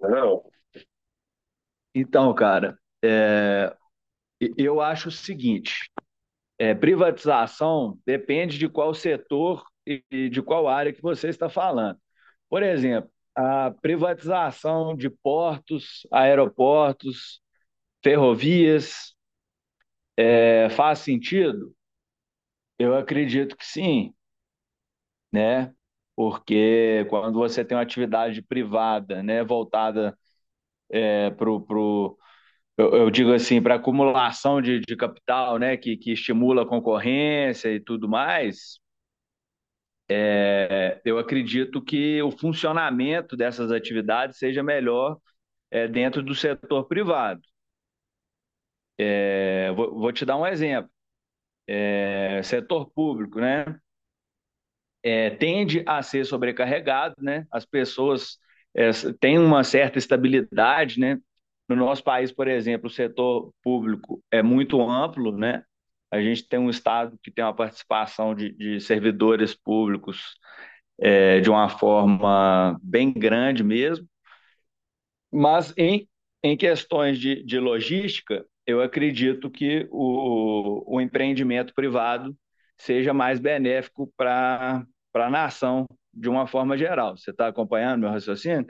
Não. Então, cara, eu acho o seguinte: privatização depende de qual setor e de qual área que você está falando. Por exemplo, a privatização de portos, aeroportos, ferrovias, faz sentido? Eu acredito que sim, né? Porque quando você tem uma atividade privada, né, voltada para o eu digo assim, para acumulação de capital, né, que estimula a concorrência e tudo mais, eu acredito que o funcionamento dessas atividades seja melhor dentro do setor privado. Vou te dar um exemplo: setor público, né, tende a ser sobrecarregado, né, as pessoas é, têm uma certa estabilidade, né? No nosso país, por exemplo, o setor público é muito amplo, né? A gente tem um Estado que tem uma participação de servidores públicos de uma forma bem grande mesmo, mas em questões de logística, eu acredito que o empreendimento privado seja mais benéfico para a nação de uma forma geral. Você está acompanhando meu raciocínio?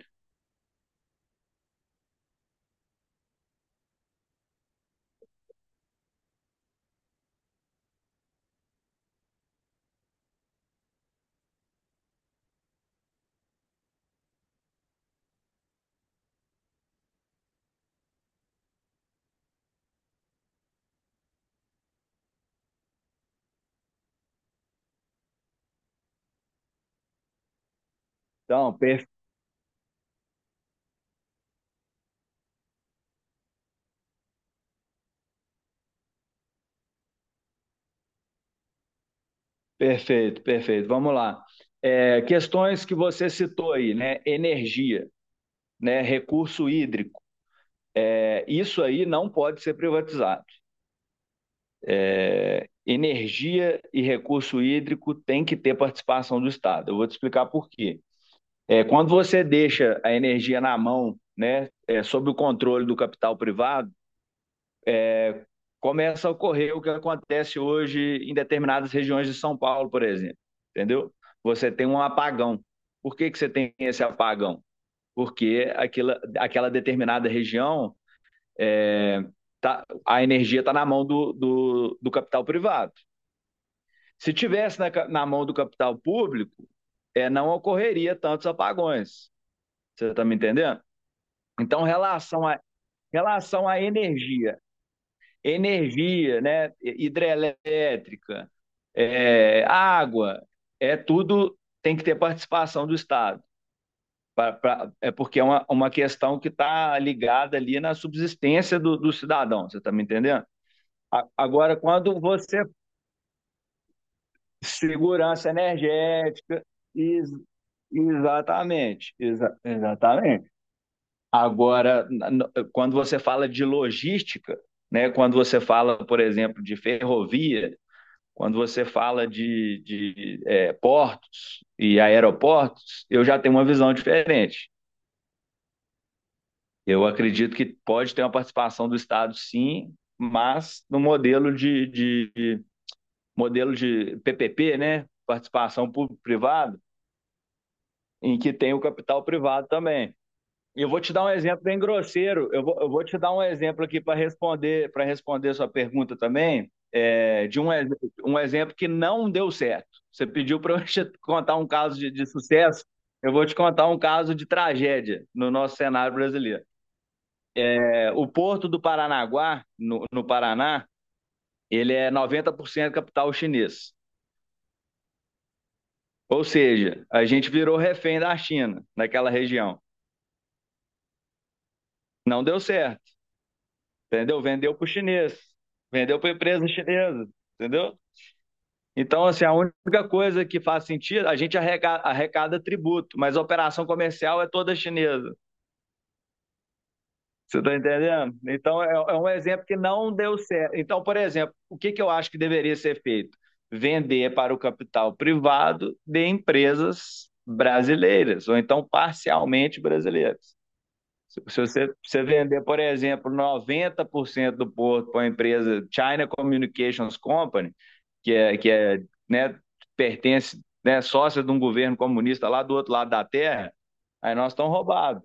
Então, per Perfeito, perfeito. Vamos lá. Questões que você citou aí, né? Energia, né? Recurso hídrico. Isso aí não pode ser privatizado. Energia e recurso hídrico tem que ter participação do Estado. Eu vou te explicar por quê. Quando você deixa a energia na mão, né, sob o controle do capital privado, começa a ocorrer o que acontece hoje em determinadas regiões de São Paulo, por exemplo. Entendeu? Você tem um apagão. Por que, que você tem esse apagão? Porque aquela determinada região, é, tá, a energia está na mão do capital privado. Se tivesse na mão do capital público, não ocorreria tantos apagões. Você está me entendendo? Então, relação à energia, né, hidrelétrica, água, é tudo tem que ter participação do Estado. É porque é uma questão que está ligada ali na subsistência do cidadão, você está me entendendo? Agora, quando você. Segurança energética, is- exatamente, exatamente. Agora, quando você fala de logística, né, quando você fala, por exemplo, de ferrovia, quando você fala de portos e aeroportos, eu já tenho uma visão diferente. Eu acredito que pode ter uma participação do Estado, sim, mas no modelo de PPP, né? Participação público-privado, em que tem o capital privado também. E eu vou te dar um exemplo bem grosseiro. Eu vou te dar um exemplo aqui para responder sua pergunta também, um exemplo que não deu certo. Você pediu para eu te contar um caso de sucesso. Eu vou te contar um caso de tragédia no nosso cenário brasileiro. O porto do Paranaguá, no Paraná, ele é 90% capital chinês. Ou seja, a gente virou refém da China, naquela região. Não deu certo, entendeu? Vendeu para o chinês, vendeu para a empresa chinesa, entendeu? Então, assim, a única coisa que faz sentido, a gente arrecada, arrecada tributo, mas a operação comercial é toda chinesa. Você está entendendo? Então, é um exemplo que não deu certo. Então, por exemplo, o que, que eu acho que deveria ser feito? Vender para o capital privado de empresas brasileiras, ou então parcialmente brasileiras. Se você vender, por exemplo, 90% do porto para a empresa China Communications Company, que é, né, pertence, né, sócia de um governo comunista lá do outro lado da terra, aí nós estamos roubados,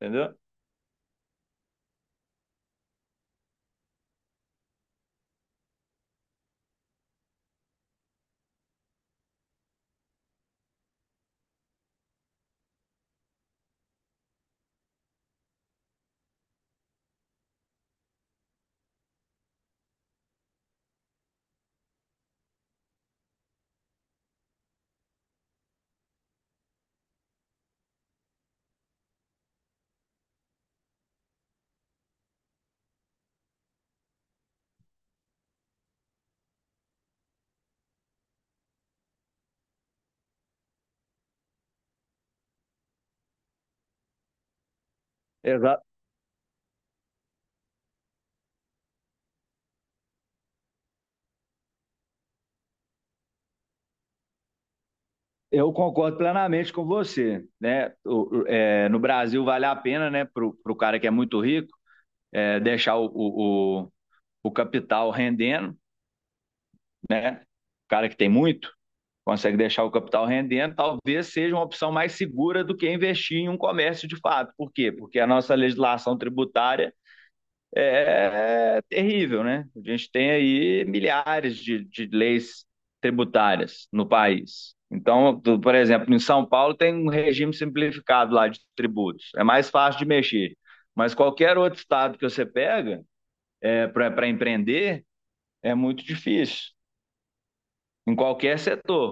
entendeu? Exa Eu concordo plenamente com você, né? No Brasil vale a pena, né, para o cara que é muito rico, deixar o capital rendendo, né? O cara que tem muito consegue deixar o capital rendendo, talvez seja uma opção mais segura do que investir em um comércio de fato. Por quê? Porque a nossa legislação tributária é terrível, né? A gente tem aí milhares de leis tributárias no país. Então, por exemplo, em São Paulo tem um regime simplificado lá de tributos. É mais fácil de mexer. Mas qualquer outro estado que você pega para empreender é muito difícil, em qualquer setor.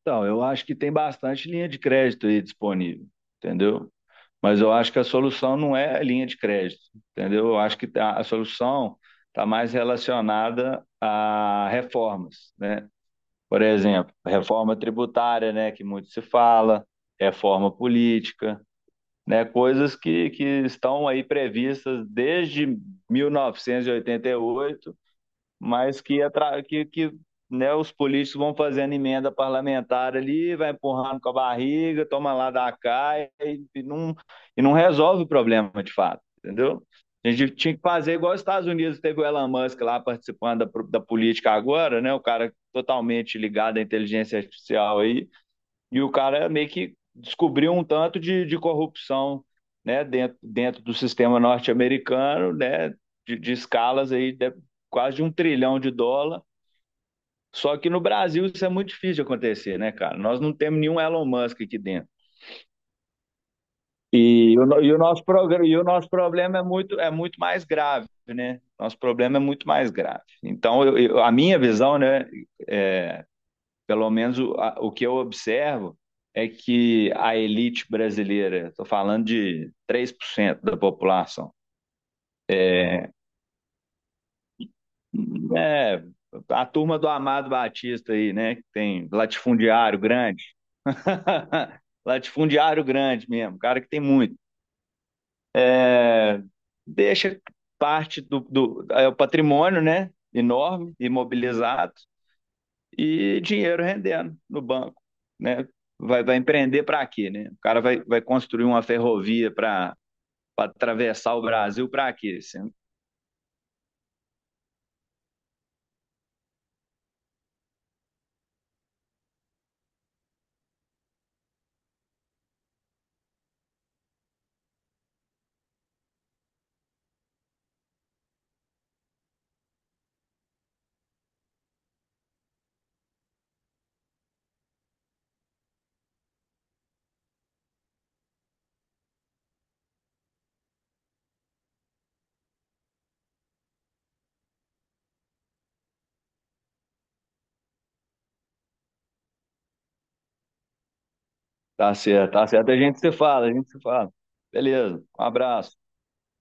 Então, eu acho que tem bastante linha de crédito aí disponível, entendeu? Mas eu acho que a solução não é a linha de crédito, entendeu? Eu acho que a solução está mais relacionada a reformas, né? Por exemplo, reforma tributária, né, que muito se fala, reforma política, né, coisas que estão aí previstas desde 1988, mas que, né, os políticos vão fazendo emenda parlamentar ali, vai empurrando com a barriga, toma lá da cá, e e não resolve o problema de fato, entendeu? A gente tinha que fazer igual os Estados Unidos, teve o Elon Musk lá participando da política agora, né? O cara totalmente ligado à inteligência artificial aí. E o cara meio que descobriu um tanto de corrupção, né, dentro do sistema norte-americano, né, de escalas aí de quase de um trilhão de dólar. Só que no Brasil isso é muito difícil de acontecer, né, cara? Nós não temos nenhum Elon Musk aqui dentro. E o, no- e o nosso, progr- e o nosso problema é muito mais grave, né? Nosso problema é muito mais grave. Então, a minha visão, né, é, Pelo menos o que eu observo é que a elite brasileira, estou falando de 3% da população, é a turma do Amado Batista aí, né? Que tem latifundiário grande. Latifundiário grande mesmo, um cara que tem muito. é, Deixa parte do, do é o patrimônio, né? Enorme, imobilizado. E dinheiro rendendo no banco, né? Vai empreender para quê, né? O cara vai construir uma ferrovia para atravessar o Brasil para quê? Assim, tá certo, tá certo. A gente se fala, a gente se fala. Beleza, um abraço.